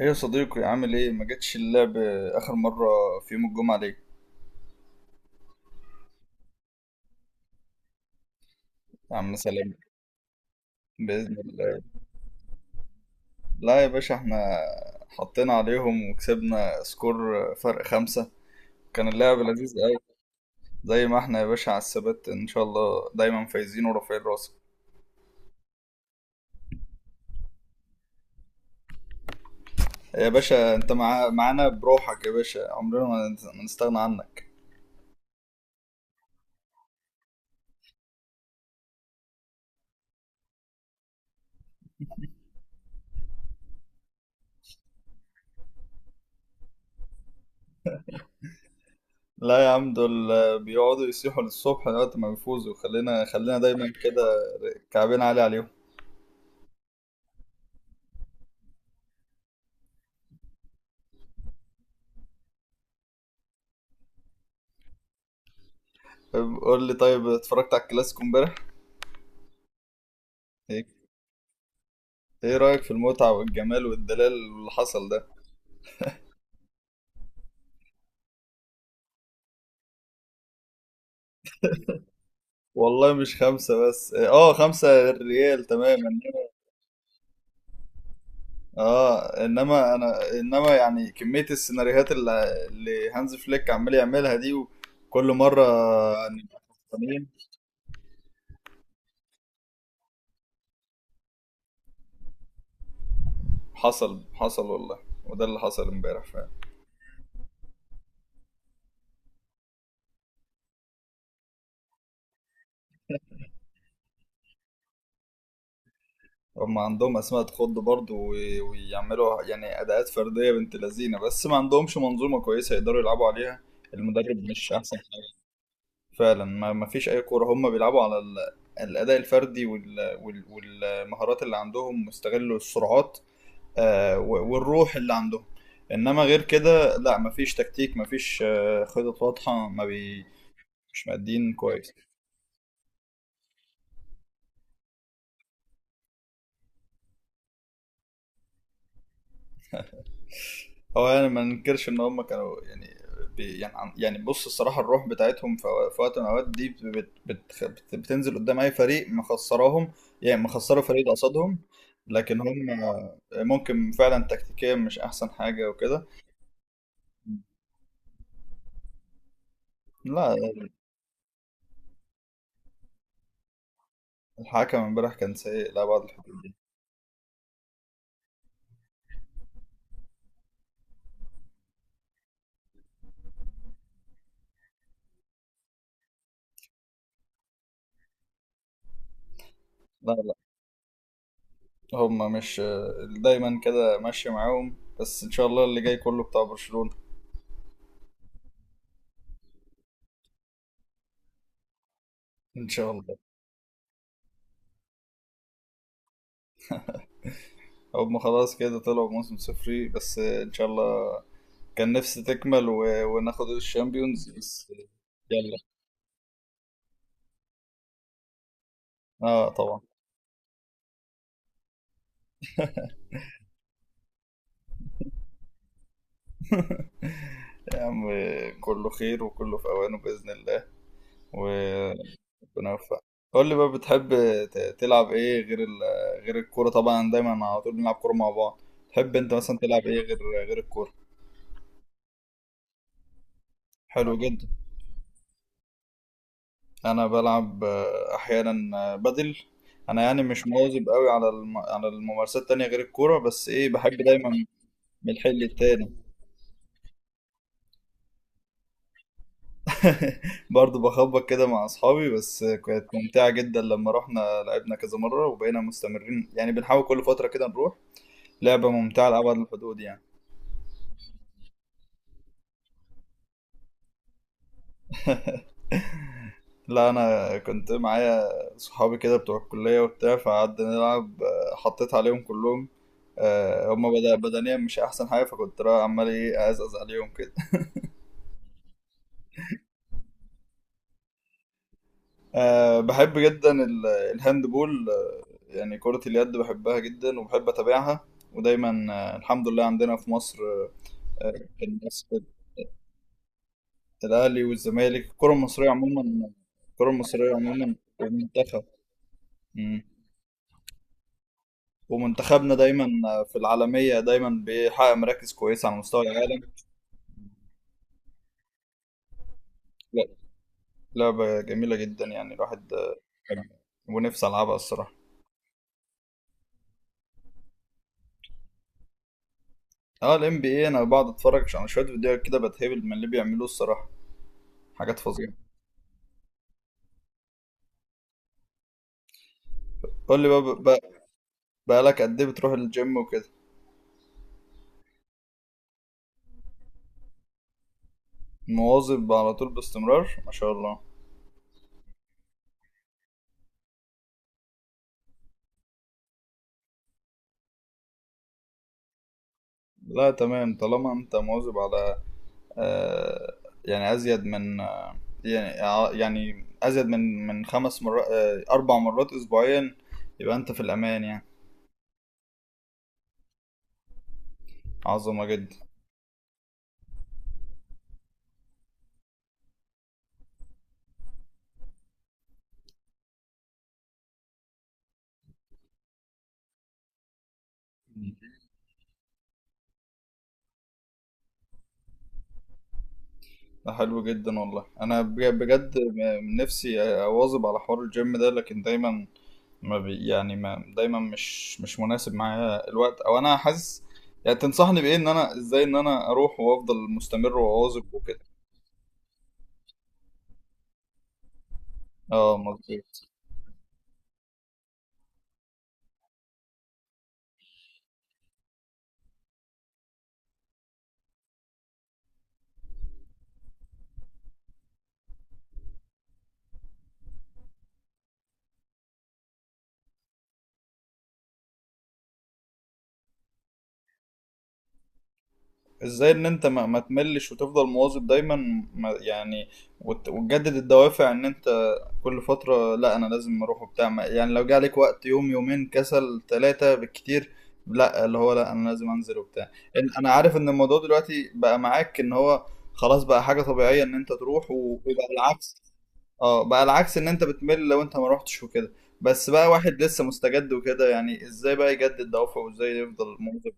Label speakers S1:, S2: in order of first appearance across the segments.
S1: ايه يا صديقي، عامل ايه؟ ما جتش اللعب اخر مره في يوم الجمعه ليه؟ يا عم سلام. باذن الله. لا يا باشا، احنا حطينا عليهم وكسبنا سكور فرق 5. كان اللعب لذيذ قوي. زي ما احنا يا باشا على الثبات ان شاء الله، دايما فايزين ورافعين راسك. يا باشا انت معانا بروحك، يا باشا عمرنا ما نستغنى عنك. لا يا عم، دول بيقعدوا يصيحوا للصبح لغايه ما بيفوزوا. خلينا خلينا دايما كده، كعبين عالي عليهم. طيب، قول لي، طيب اتفرجت على الكلاسيكو امبارح؟ ايه، إيه رأيك في المتعة والجمال والدلال اللي حصل ده؟ والله مش خمسة بس، اه خمسة ريال تمام، اه انما انما يعني كمية السيناريوهات اللي هانز فليك عمال يعملها دي، وكل مرة نبقى خسرانين. حصل حصل والله، وده اللي حصل امبارح فعلا. هم عندهم اسماء تخض برضه، ويعملوا يعني اداءات فردية بنت لذينة، بس ما عندهمش منظومة كويسة يقدروا يلعبوا عليها. المدرب مش احسن فعلا. ما فيش اي كوره، هم بيلعبوا على الاداء الفردي والمهارات اللي عندهم، واستغلوا السرعات. والروح اللي عندهم. انما غير كده لا، ما فيش تكتيك، ما فيش خطط واضحه. ما بي... مش مادين كويس. هو يعني ما ننكرش ان هم كانوا يعني، يعني بص الصراحه الروح بتاعتهم في وقت من الاوقات دي بت بت بت بتنزل قدام اي فريق مخسراهم. يعني مخسروا فريق ده قصادهم. لكن هم ممكن فعلا تكتيكيا مش احسن حاجه وكده. لا، الحكم امبارح كان سيء لا بعض الحدود. لا، لا، هم مش دايما كده ماشيه معاهم، بس ان شاء الله اللي جاي كله بتاع برشلونه. ان شاء الله. هم خلاص كده طلعوا بموسم صفري، بس ان شاء الله كان نفسي تكمل وناخد الشامبيونز بس. يلا، اه طبعا. يا عم، كله خير وكله في اوانه باذن الله. وربنا يوفقك. قول لي بقى، بتحب تلعب ايه غير غير الكوره؟ طبعا دايما على طول بنلعب كوره مع بعض. تحب انت مثلا تلعب ايه غير الكوره؟ حلو جدا. انا بلعب احيانا بدل. انا يعني مش مواظب قوي على على الممارسات التانية غير الكوره، بس ايه بحب دايما من الحل التاني. برضه بخبط كده مع اصحابي، بس كانت ممتعة جدا لما رحنا لعبنا كذا مرة، وبقينا مستمرين يعني بنحاول كل فترة كده نروح. لعبة ممتعة لأبعد الحدود يعني. لا انا كنت معايا صحابي كده بتوع الكلية وبتاع، فقعدنا نلعب حطيت عليهم كلهم. هما بدنيا مش احسن حاجة، فكنت رايح عمال ايه ازقز عليهم كده. أه بحب جدا الهاند بول، يعني كرة اليد بحبها جدا وبحب اتابعها. ودايما الحمد لله عندنا في مصر الناس، الاهلي والزمالك، الكره المصريه عموما والمنتخب. مم. ومنتخبنا دايما في العالميه، دايما بيحقق مراكز كويسه على مستوى العالم. لا، لعبه جميله جدا يعني، الواحد كان- ونفسي العبها الصراحه. اه، NBA انا بقعد اتفرج على شويه فيديوهات كده، بتهبل من اللي بيعملوه الصراحه. حاجات فظيعه. قول لي بقى، بقالك قد ايه بتروح الجيم وكده؟ مواظب على طول باستمرار ما شاء الله. لا تمام، طالما انت مواظب على، آه، يعني ازيد من، يعني ازيد من 5 مرات، 4 مرات اسبوعيا، يبقى انت في الامان يعني. عظمه جدا. ده حلو جدا والله. انا بجد نفسي اواظب على حوار الجيم ده، لكن دايما ما بي يعني ما دايما مش مناسب معايا الوقت، او انا حاسس. يعني تنصحني بايه ان انا ازاي ان انا اروح وافضل مستمر واواظب وكده؟ اه مظبوط. ازاي ان انت ما تملش وتفضل مواظب دايما؟ ما يعني وتجدد الدوافع ان انت كل فترة لا انا لازم اروح وبتاع. يعني لو جه عليك وقت يوم يومين كسل، 3 بالكتير، لا اللي هو لا انا لازم انزل وبتاع. انا عارف ان الموضوع دلوقتي بقى معاك، ان هو خلاص بقى حاجة طبيعية ان انت تروح، وبقى العكس. اه بقى العكس، ان انت بتمل لو انت ما روحتش وكده. بس بقى واحد لسه مستجد وكده، يعني ازاي بقى يجدد دوافعه وازاي يفضل موظف؟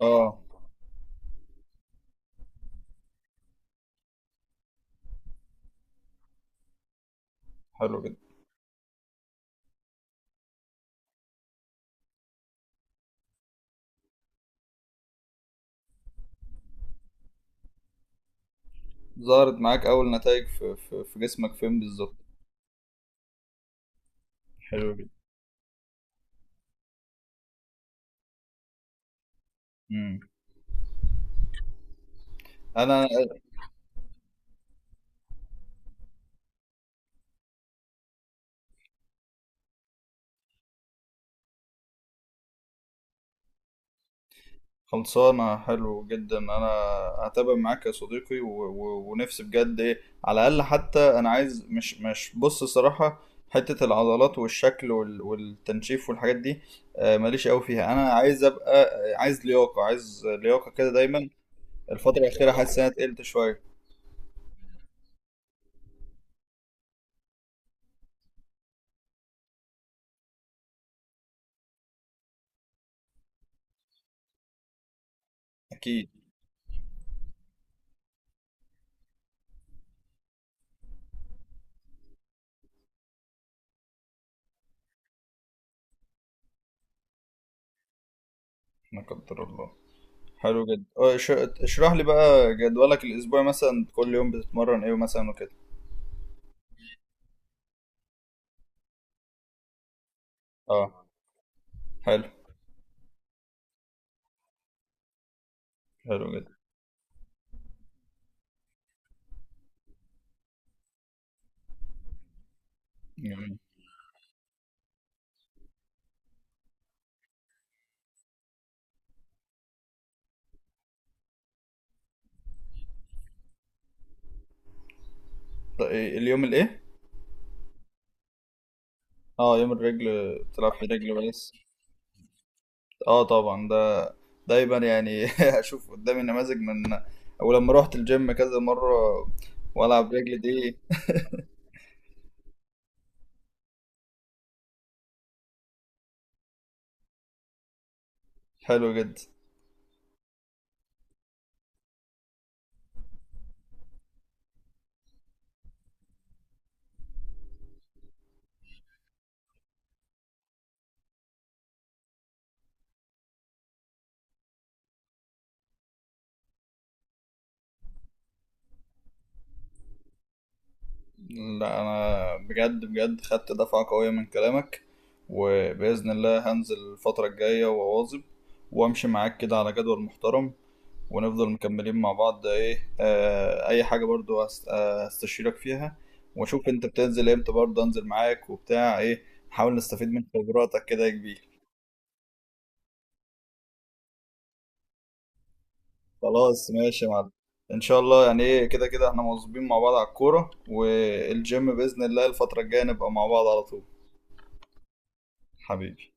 S1: اه. حلو جدا. ظهرت معاك اول نتائج في جسمك فين بالظبط؟ حلو جدا. مم. انا خلصانه. حلو جدا، انا هتابع معاك يا صديقي، ونفسي بجد ايه على الاقل، حتى انا عايز مش بص صراحه، حته العضلات والشكل والتنشيف والحاجات دي، ماليش قوي فيها. انا عايز ابقى عايز لياقه، عايز لياقه كده دايما. الفتره الاخيره حاسس انها تقلت شويه. اكيد. لا قدر الله. حلو جدا. اشرح لي بقى جدولك الاسبوعي مثلا، كل يوم بتتمرن ايه مثلا وكده؟ اه. حلو حلو جدا. جميل. طيب، اليوم الايه؟ اه يوم الرجل، بتلعب في رجل بس؟ اه طبعا ده دايما يعني، اشوف قدامي نماذج من، او لما روحت الجيم كذا مره والعب رجل دي. حلو جدا. لا انا بجد بجد خدت دفعه قويه من كلامك، وباذن الله هنزل الفتره الجايه وأواظب، وامشي معاك كده على جدول محترم، ونفضل مكملين مع بعض، ايه آه اي حاجة برضو هستشيرك فيها. واشوف انت بتنزل امتى برضه انزل معاك وبتاع ايه، نحاول نستفيد من خبراتك كده يا كبير. خلاص ماشي يا معلم. ان شاء الله يعني، ايه كده كده احنا مواظبين مع بعض على الكورة والجيم، بإذن الله الفترة الجاية نبقى مع بعض على طول. حبيبي.